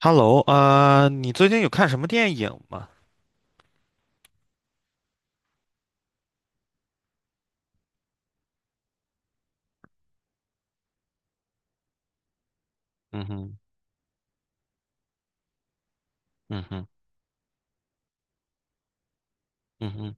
Hello，你最近有看什么电影吗？嗯哼。嗯哼。嗯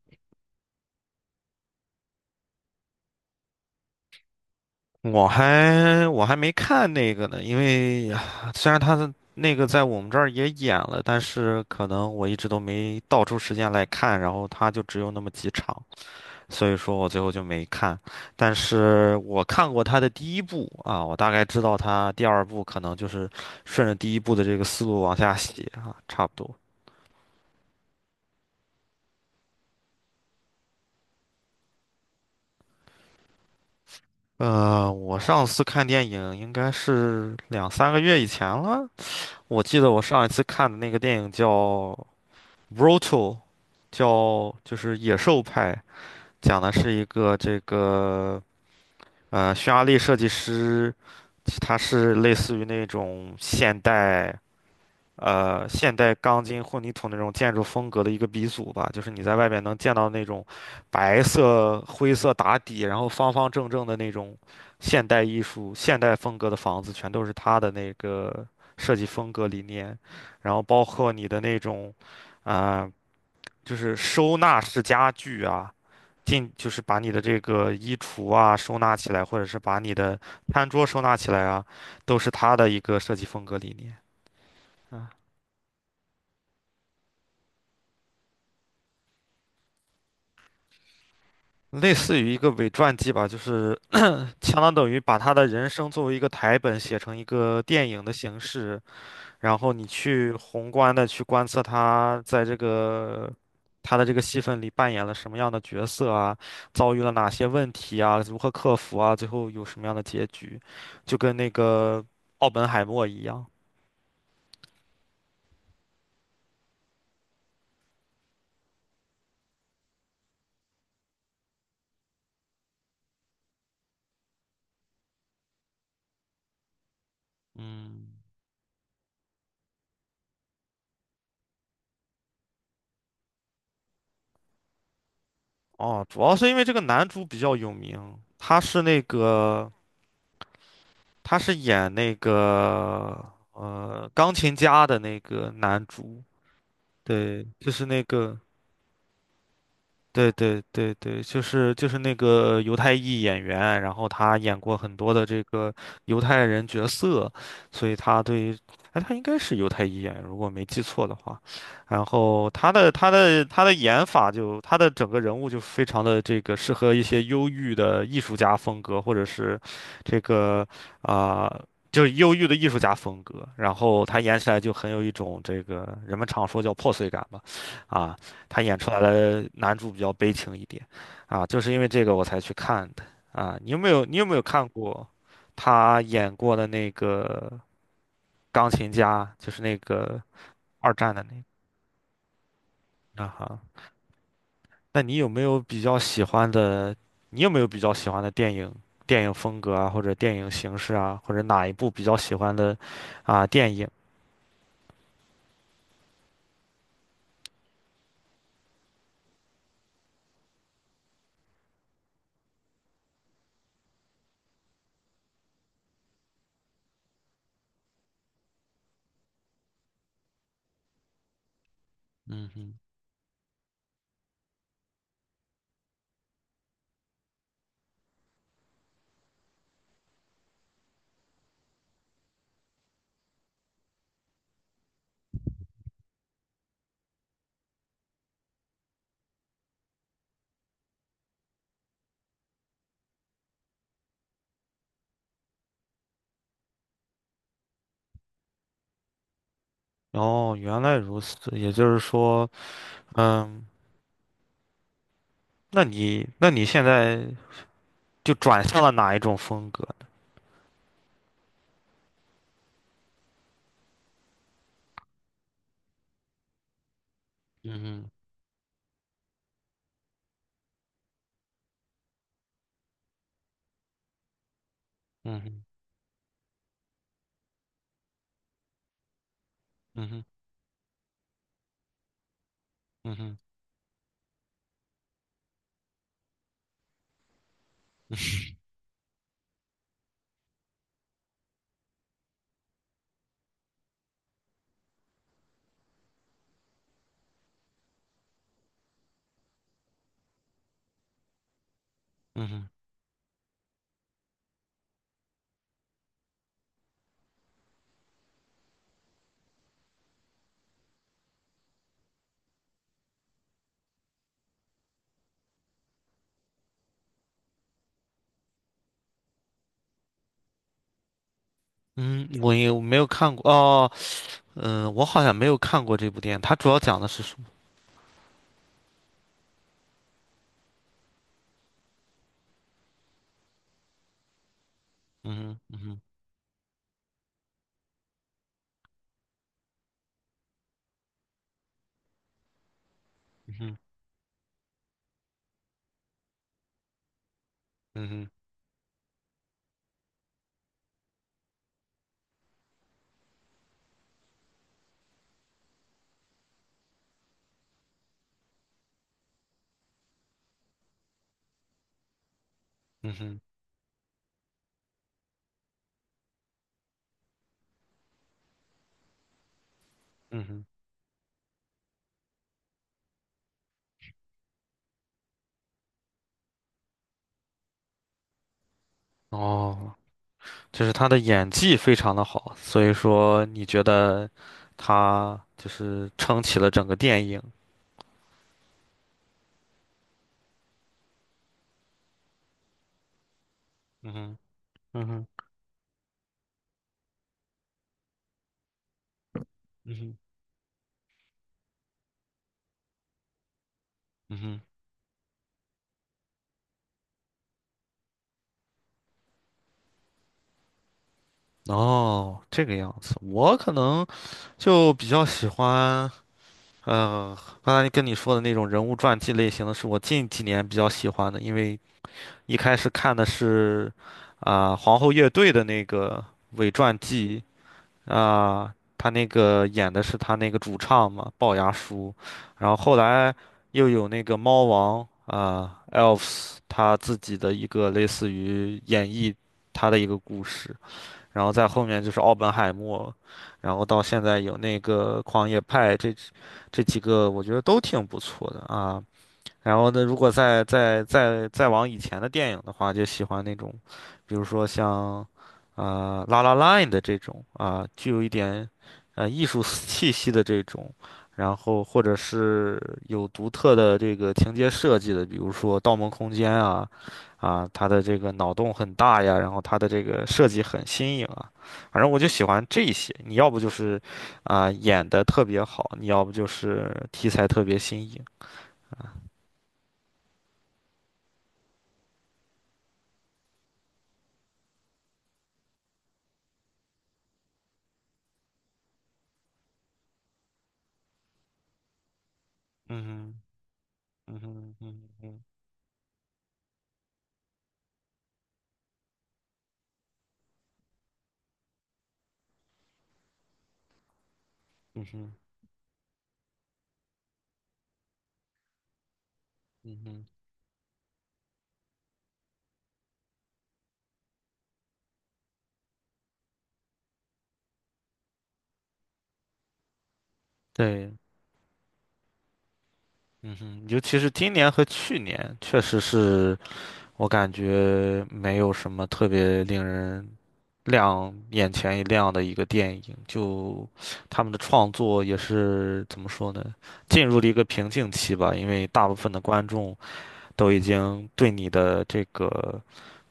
哼。我还没看那个呢，因为啊虽然他的那个在我们这儿也演了，但是可能我一直都没倒出时间来看，然后他就只有那么几场，所以说我最后就没看。但是我看过他的第一部啊，我大概知道他第二部可能就是顺着第一部的这个思路往下写啊，差不多。我上次看电影应该是两三个月以前了。我记得我上一次看的那个电影叫《Brutal》，叫就是《野兽派》，讲的是一个这个匈牙利设计师，他是类似于那种现代。现代钢筋混凝土那种建筑风格的一个鼻祖吧，就是你在外面能见到那种白色灰色打底，然后方方正正的那种现代艺术、现代风格的房子，全都是它的那个设计风格理念，然后包括你的那种，啊、就是收纳式家具啊。进就是把你的这个衣橱啊收纳起来，或者是把你的餐桌收纳起来啊，都是它的一个设计风格理念。嗯。类似于一个伪传记吧，就是相当等于把他的人生作为一个台本写成一个电影的形式，然后你去宏观的去观测他在这个他的这个戏份里扮演了什么样的角色啊，遭遇了哪些问题啊，如何克服啊，最后有什么样的结局，就跟那个奥本海默一样。嗯。哦，主要是因为这个男主比较有名，他是那个。他是演那个钢琴家的那个男主，对，就是那个，对对对对，就是那个犹太裔演员，然后他演过很多的这个犹太人角色，所以他对，哎，他应该是犹太裔演员，如果没记错的话。然后他的演法，就他的整个人物就非常的这个适合一些忧郁的艺术家风格，或者是这个啊。就是忧郁的艺术家风格，然后他演起来就很有一种这个人们常说叫破碎感吧，啊。他演出来的男主比较悲情一点，啊，就是因为这个我才去看的啊。你有没有看过他演过的那个钢琴家，就是那个二战的那个啊哈？那你有没有比较喜欢的？你有没有比较喜欢的电影、电影风格啊，或者电影形式啊，或者哪一部比较喜欢的啊电影？嗯哼。哦，原来如此，也就是说，嗯，那你现在就转向了哪一种风格？嗯哼。嗯哼。嗯哼。嗯哼。嗯哼。嗯，我也没有看过哦。我好像没有看过这部电影，它主要讲的是什么？嗯哼。嗯哼。嗯哼。嗯哼。嗯哼。嗯哼。哦，就是他的演技非常的好，所以说你觉得他就是撑起了整个电影？嗯哼。嗯哼。嗯哼。嗯哼。哦，这个样子，我可能就比较喜欢。嗯，刚才跟你说的那种人物传记类型的是我近几年比较喜欢的，因为一开始看的是皇后乐队的那个伪传记，啊、他那个演的是他那个主唱嘛，龅牙叔，然后后来又有那个猫王啊、Elves 他自己的一个类似于演绎他的一个故事，然后在后面就是奥本海默，然后到现在有那个狂野派这。这几个我觉得都挺不错的啊。然后呢，如果再往以前的电影的话，就喜欢那种，比如说像，拉拉 La n d 的这种啊、具有一点，艺术气息的这种，然后或者是有独特的这个情节设计的，比如说《盗梦空间》啊，啊，它的这个脑洞很大呀，然后它的这个设计很新颖啊，反正我就喜欢这些。你要不就是，演的特别好，你要不就是题材特别新颖。嗯哼。嗯哼。嗯哼。嗯哼。嗯哼。对。嗯哼，尤其是今年和去年，确实是我感觉没有什么特别令人亮眼前一亮的一个电影，就他们的创作也是怎么说呢，进入了一个瓶颈期吧，因为大部分的观众都已经对你的这个。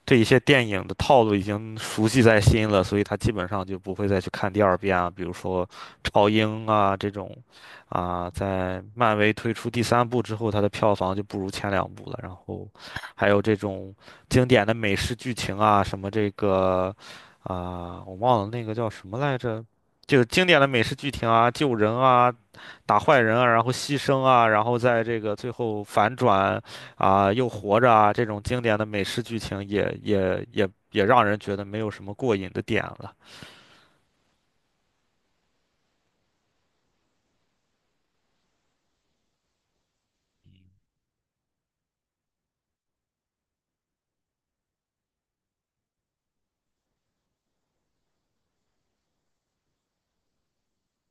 这一些电影的套路已经熟悉在心了，所以他基本上就不会再去看第二遍啊。比如说超英啊这种，啊，在漫威推出第三部之后，它的票房就不如前两部了。然后还有这种经典的美式剧情啊，什么这个啊，我忘了那个叫什么来着，就是经典的美式剧情啊，救人啊，打坏人啊，然后牺牲啊，然后在这个最后反转啊，又活着啊，这种经典的美式剧情也让人觉得没有什么过瘾的点了。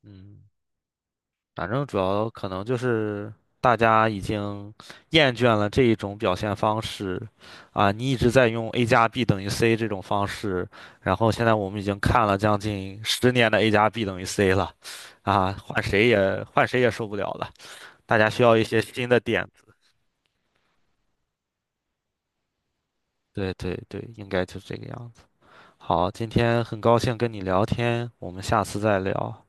嗯，反正主要可能就是大家已经厌倦了这一种表现方式啊，你一直在用 a 加 b 等于 c 这种方式，然后现在我们已经看了将近10年的 a 加 b 等于 c 了，啊，换谁也换谁也受不了了，大家需要一些新的点，对对对，应该就是这个样子。好，今天很高兴跟你聊天，我们下次再聊。